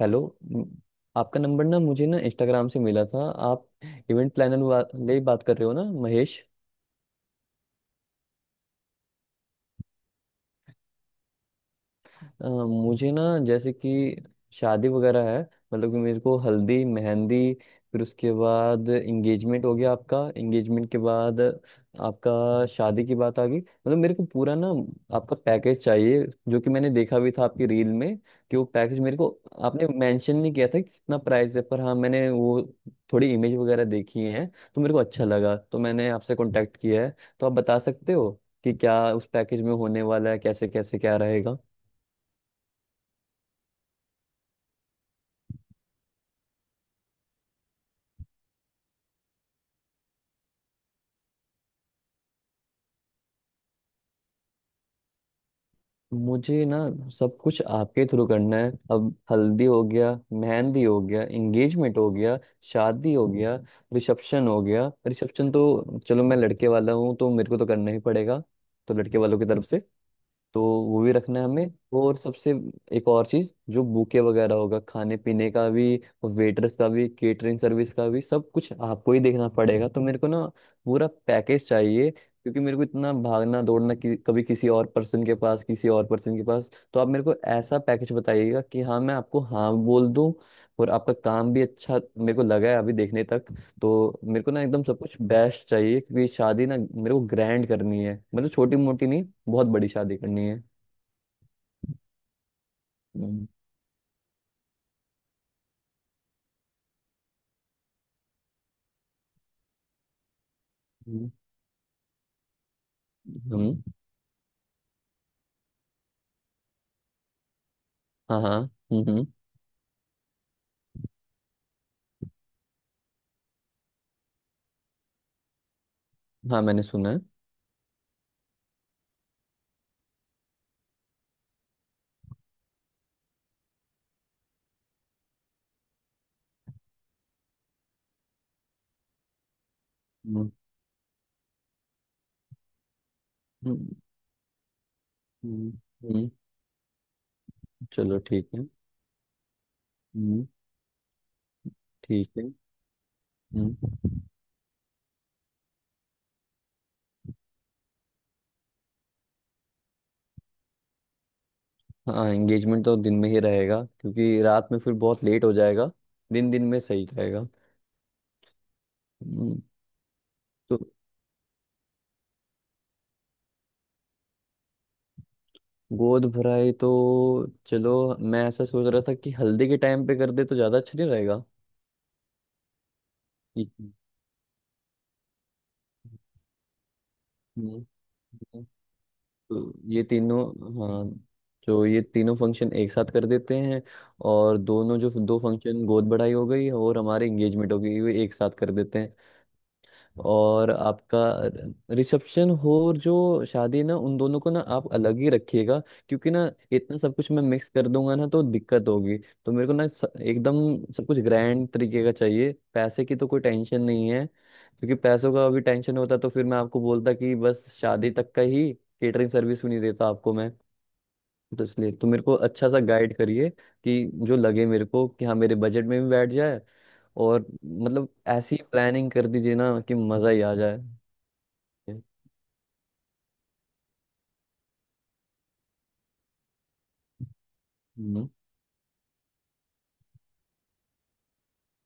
Hello. म- आपका number ना मुझे ना इंस्टाग्राम से मिला था। आप इवेंट प्लानर वाले ही बात कर रहे हो ना महेश? मुझे ना जैसे कि शादी वगैरह है। मतलब कि मेरे को हल्दी मेहंदी फिर उसके बाद एंगेजमेंट हो गया आपका, एंगेजमेंट के बाद आपका शादी की बात आ गई। मतलब मेरे को पूरा ना आपका पैकेज चाहिए, जो कि मैंने देखा भी था आपकी रील में कि वो पैकेज मेरे को। आपने मेंशन नहीं किया था कि कितना प्राइस है, पर हाँ मैंने वो थोड़ी इमेज वगैरह देखी है तो मेरे को अच्छा लगा तो मैंने आपसे कांटेक्ट किया है। तो आप बता सकते हो कि क्या उस पैकेज में होने वाला है, कैसे कैसे क्या रहेगा। मुझे ना सब कुछ आपके थ्रू करना है। अब हल्दी हो गया, मेहंदी हो गया, एंगेजमेंट हो गया, शादी हो गया, रिसेप्शन हो गया। रिसेप्शन तो चलो मैं लड़के वाला हूँ तो मेरे को तो करना ही पड़ेगा, तो लड़के वालों की तरफ से तो वो भी रखना है हमें। और सबसे एक और चीज, जो बुके वगैरह होगा, खाने पीने का भी, वेटर्स का भी, केटरिंग सर्विस का भी, सब कुछ आपको ही देखना पड़ेगा। तो मेरे को ना पूरा पैकेज चाहिए क्योंकि मेरे को इतना भागना दौड़ना कि कभी किसी और पर्सन के पास, किसी और पर्सन के पास। तो आप मेरे को ऐसा पैकेज बताइएगा कि हाँ मैं आपको हाँ बोल दूं। और आपका काम भी अच्छा मेरे को लगा है अभी देखने तक। तो मेरे को ना एकदम सब कुछ बेस्ट चाहिए क्योंकि शादी ना मेरे को ग्रैंड करनी है। मतलब छोटी मोटी नहीं, बहुत बड़ी शादी करनी है। हम्म। हम्म। हम्म। हाँ हाँ। हम्म। हाँ मैंने सुना है। हम्म। हम्म। हम्म। हम्म। चलो ठीक है। हम्म। ठीक है। हम्म। हाँ एंगेजमेंट तो दिन में ही रहेगा क्योंकि रात में फिर बहुत लेट हो जाएगा। दिन दिन में सही रहेगा। हम्म। तो गोद भराई तो चलो, मैं ऐसा सोच रहा था कि हल्दी के टाइम पे कर दे तो ज्यादा अच्छा नहीं रहेगा। हम्म। हम्म। तो ये तीनों, हाँ, जो ये तीनों फंक्शन एक साथ कर देते हैं। और दोनों, जो दो फंक्शन गोद बढ़ाई हो गई और हमारे एंगेजमेंट हो गई, वो एक साथ कर देते हैं। और आपका रिसेप्शन हो और जो शादी ना, उन दोनों को ना आप अलग ही रखिएगा क्योंकि ना इतना सब कुछ मैं मिक्स कर दूंगा ना तो दिक्कत होगी। तो मेरे को ना एकदम सब कुछ ग्रैंड तरीके का चाहिए। पैसे की तो कोई टेंशन नहीं है, क्योंकि पैसों का अभी टेंशन होता तो फिर मैं आपको बोलता कि बस शादी तक का ही, केटरिंग सर्विस भी नहीं देता आपको मैं। तो इसलिए तो मेरे को अच्छा सा गाइड करिए कि जो लगे मेरे को कि हाँ मेरे बजट में भी बैठ जाए। और मतलब ऐसी प्लानिंग कर दीजिए ना कि मजा ही आ जाए। हम्म।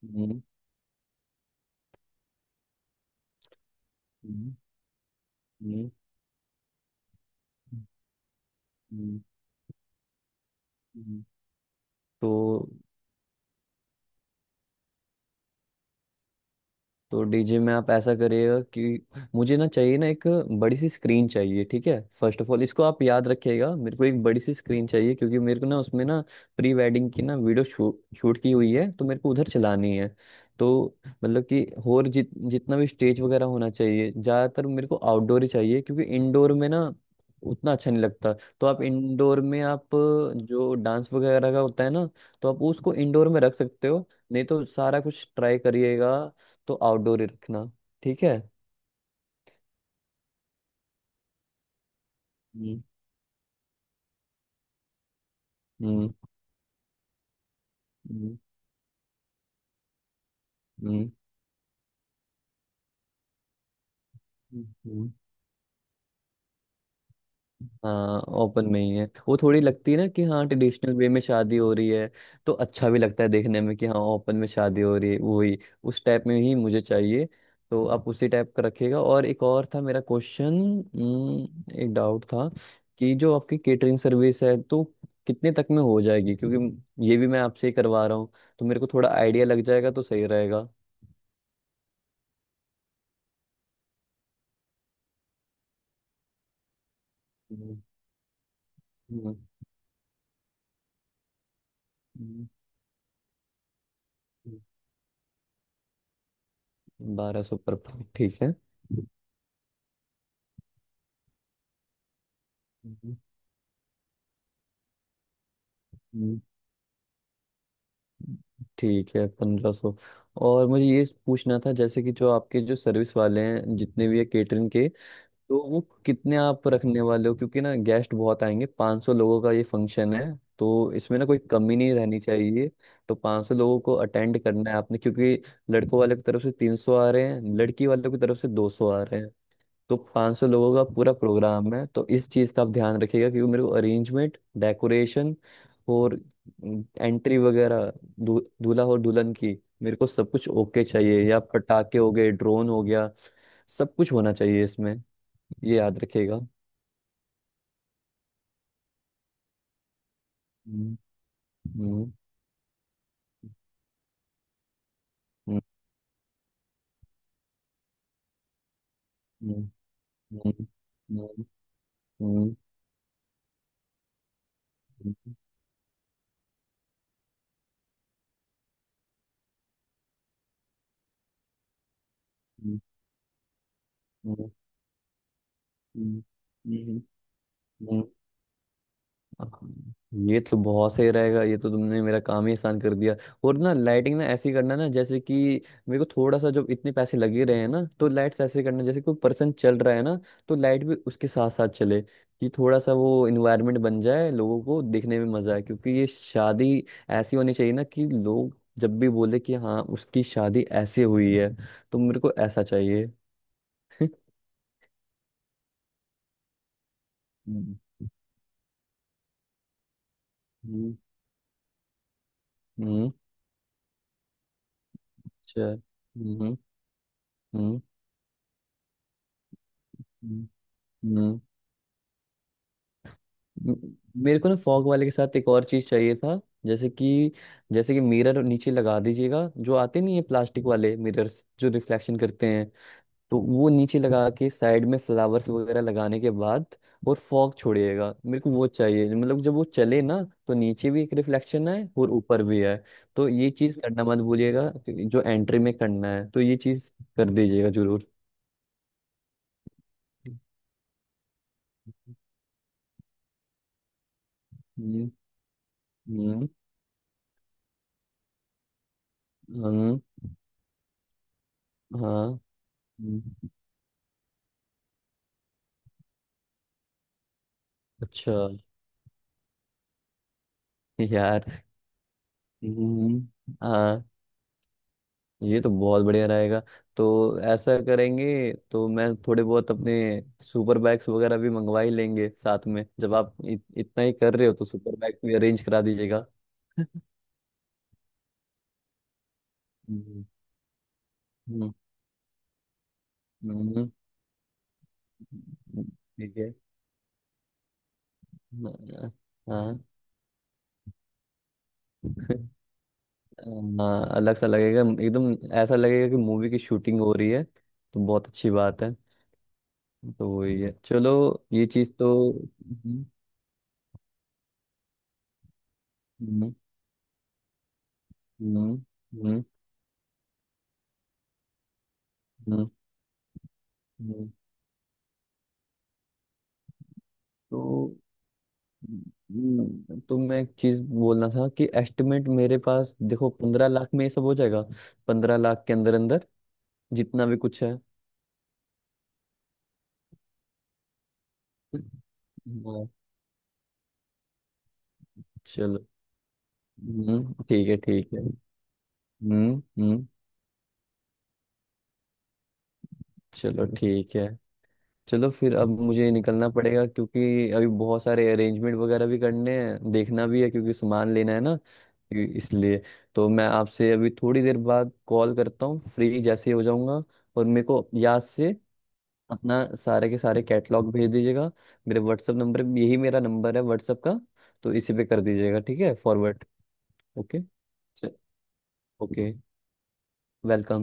हम्म। हम्म। हम्म। हम्म। हम्म। तो तो डीजे में आप ऐसा करिएगा कि मुझे ना चाहिए ना एक बड़ी सी स्क्रीन चाहिए। ठीक है, फर्स्ट ऑफ ऑल इसको आप याद रखिएगा, मेरे को एक बड़ी सी स्क्रीन चाहिए क्योंकि मेरे को ना उसमें ना प्री वेडिंग की ना वीडियो शूट शूट की हुई है तो मेरे को उधर चलानी है। तो मतलब कि और जितना भी स्टेज वगैरह होना चाहिए, ज़्यादातर मेरे को आउटडोर ही चाहिए क्योंकि इंडोर में ना उतना अच्छा नहीं लगता। तो आप इंडोर में आप जो डांस वगैरह का होता है ना, तो आप उसको इंडोर में रख सकते हो, नहीं तो सारा कुछ ट्राई करिएगा। तो आउटडोर ही रखना। ठीक है। हम्म। हम्म। हम्म। हम्म। हम्म। हाँ ओपन में ही है वो, थोड़ी लगती है ना कि हाँ ट्रेडिशनल वे में शादी हो रही है। तो अच्छा भी लगता है देखने में कि हाँ ओपन में शादी हो रही है, वही उस टाइप में ही मुझे चाहिए। तो आप उसी टाइप का रखिएगा। और एक और था मेरा क्वेश्चन, एक डाउट था कि जो आपकी केटरिंग सर्विस है तो कितने तक में हो जाएगी, क्योंकि ये भी मैं आपसे ही करवा रहा हूँ तो मेरे को थोड़ा आइडिया लग जाएगा तो सही रहेगा। हम्म। हम्म। 1200 पर प्लेट ठीक है। हम्म। ठीक है, 1500। और मुझे ये पूछना था, जैसे कि जो आपके जो सर्विस वाले हैं, जितने भी है केटरिंग के, तो वो कितने आप रखने वाले हो क्योंकि ना गेस्ट बहुत आएंगे। 500 लोगों का ये फंक्शन है, तो इसमें ना कोई कमी नहीं रहनी चाहिए। तो 500 लोगों को अटेंड करना है आपने, क्योंकि लड़कों वाले की तरफ से 300 आ रहे हैं, लड़की वालों की तरफ से 200 आ रहे। तो 500 लोगों का पूरा प्रोग्राम है तो इस चीज़ का आप ध्यान रखिएगा, क्योंकि मेरे को अरेंजमेंट, डेकोरेशन और एंट्री वगैरह, दूल्हा और दुल्हन की, मेरे को सब कुछ ओके चाहिए। या पटाखे हो गए, ड्रोन हो गया, सब कुछ होना चाहिए इसमें, ये याद रखिएगा। हम्म। हम्म। हम्म। हम्म। हम्म। हम्म। हम्म। हम्म। हम्म। हम्म। हम्म। हम्म। हाँ, ये तो बहुत सही रहेगा, ये तो तुमने मेरा काम ही आसान कर दिया। और ना लाइटिंग ना ऐसी करना ना, जैसे कि मेरे को थोड़ा सा, जब इतने पैसे लगे रहे हैं ना, तो लाइट्स ऐसे करना जैसे कोई पर्सन चल रहा है ना, तो लाइट भी उसके साथ साथ चले कि थोड़ा सा वो इन्वायरमेंट बन जाए, लोगों को देखने में मजा आए। क्योंकि ये शादी ऐसी होनी चाहिए ना कि लोग जब भी बोले कि हाँ उसकी शादी ऐसे हुई है। तो मेरे को ऐसा चाहिए। हम्म। हम्म। हम्म। हम्म। अच्छा। हम्म। हम्म। हम्म। हम्म। म- मेरे को ना फॉग वाले के साथ एक और चीज चाहिए था, जैसे कि, जैसे कि मिरर नीचे लगा दीजिएगा, जो आते नहीं है प्लास्टिक वाले मिरर्स जो रिफ्लेक्शन करते हैं। तो वो नीचे लगा के साइड में फ्लावर्स वगैरह लगाने के बाद और फॉग छोड़िएगा, मेरे को वो चाहिए। मतलब जब वो चले ना तो नीचे भी एक रिफ्लेक्शन आए और ऊपर भी आए। तो ये चीज करना मत भूलिएगा क्योंकि जो एंट्री में करना है तो ये चीज कर दीजिएगा जरूर। हम्म। हम्म। हम्म। हाँ। हम्म। अच्छा। यार, हम्म। हाँ, ये तो बहुत बढ़िया रहेगा। तो ऐसा करेंगे तो मैं थोड़े बहुत अपने सुपर बैग्स वगैरह भी मंगवा ही लेंगे साथ में, जब आप इतना ही कर रहे हो तो सुपर बैग भी अरेंज करा दीजिएगा। हम्म। हम्म। हम्म। ठीक है। हाँ। हाँ। हाँ, अलग सा लगेगा एकदम। ऐसा लगेगा कि मूवी की शूटिंग हो रही है। तो बहुत अच्छी बात है। तो वही है, चलो। ये चीज़ तो हम्म। हम्म। हम्म। हम्म। हम्म। हम्म। तो तो मैं एक चीज बोलना था कि एस्टिमेट मेरे पास देखो, 15 लाख में ये सब हो जाएगा, 15 लाख के अंदर अंदर जितना भी कुछ है। हाँ, चलो। हम्म, ठीक है, ठीक है। हम्म। चलो ठीक है। चलो फिर अब मुझे निकलना पड़ेगा क्योंकि अभी बहुत सारे अरेंजमेंट वगैरह भी करने हैं, देखना भी है क्योंकि सामान लेना है ना, इसलिए तो मैं आपसे अभी थोड़ी देर बाद कॉल करता हूँ फ्री जैसे ही हो जाऊंगा। और मेरे को याद से अपना सारे के सारे कैटलॉग भेज दीजिएगा मेरे व्हाट्सएप नंबर पे। यही मेरा नंबर है व्हाट्सएप का, तो इसी पे कर दीजिएगा, ठीक है, फॉरवर्ड। ओके। ओके। वेलकम।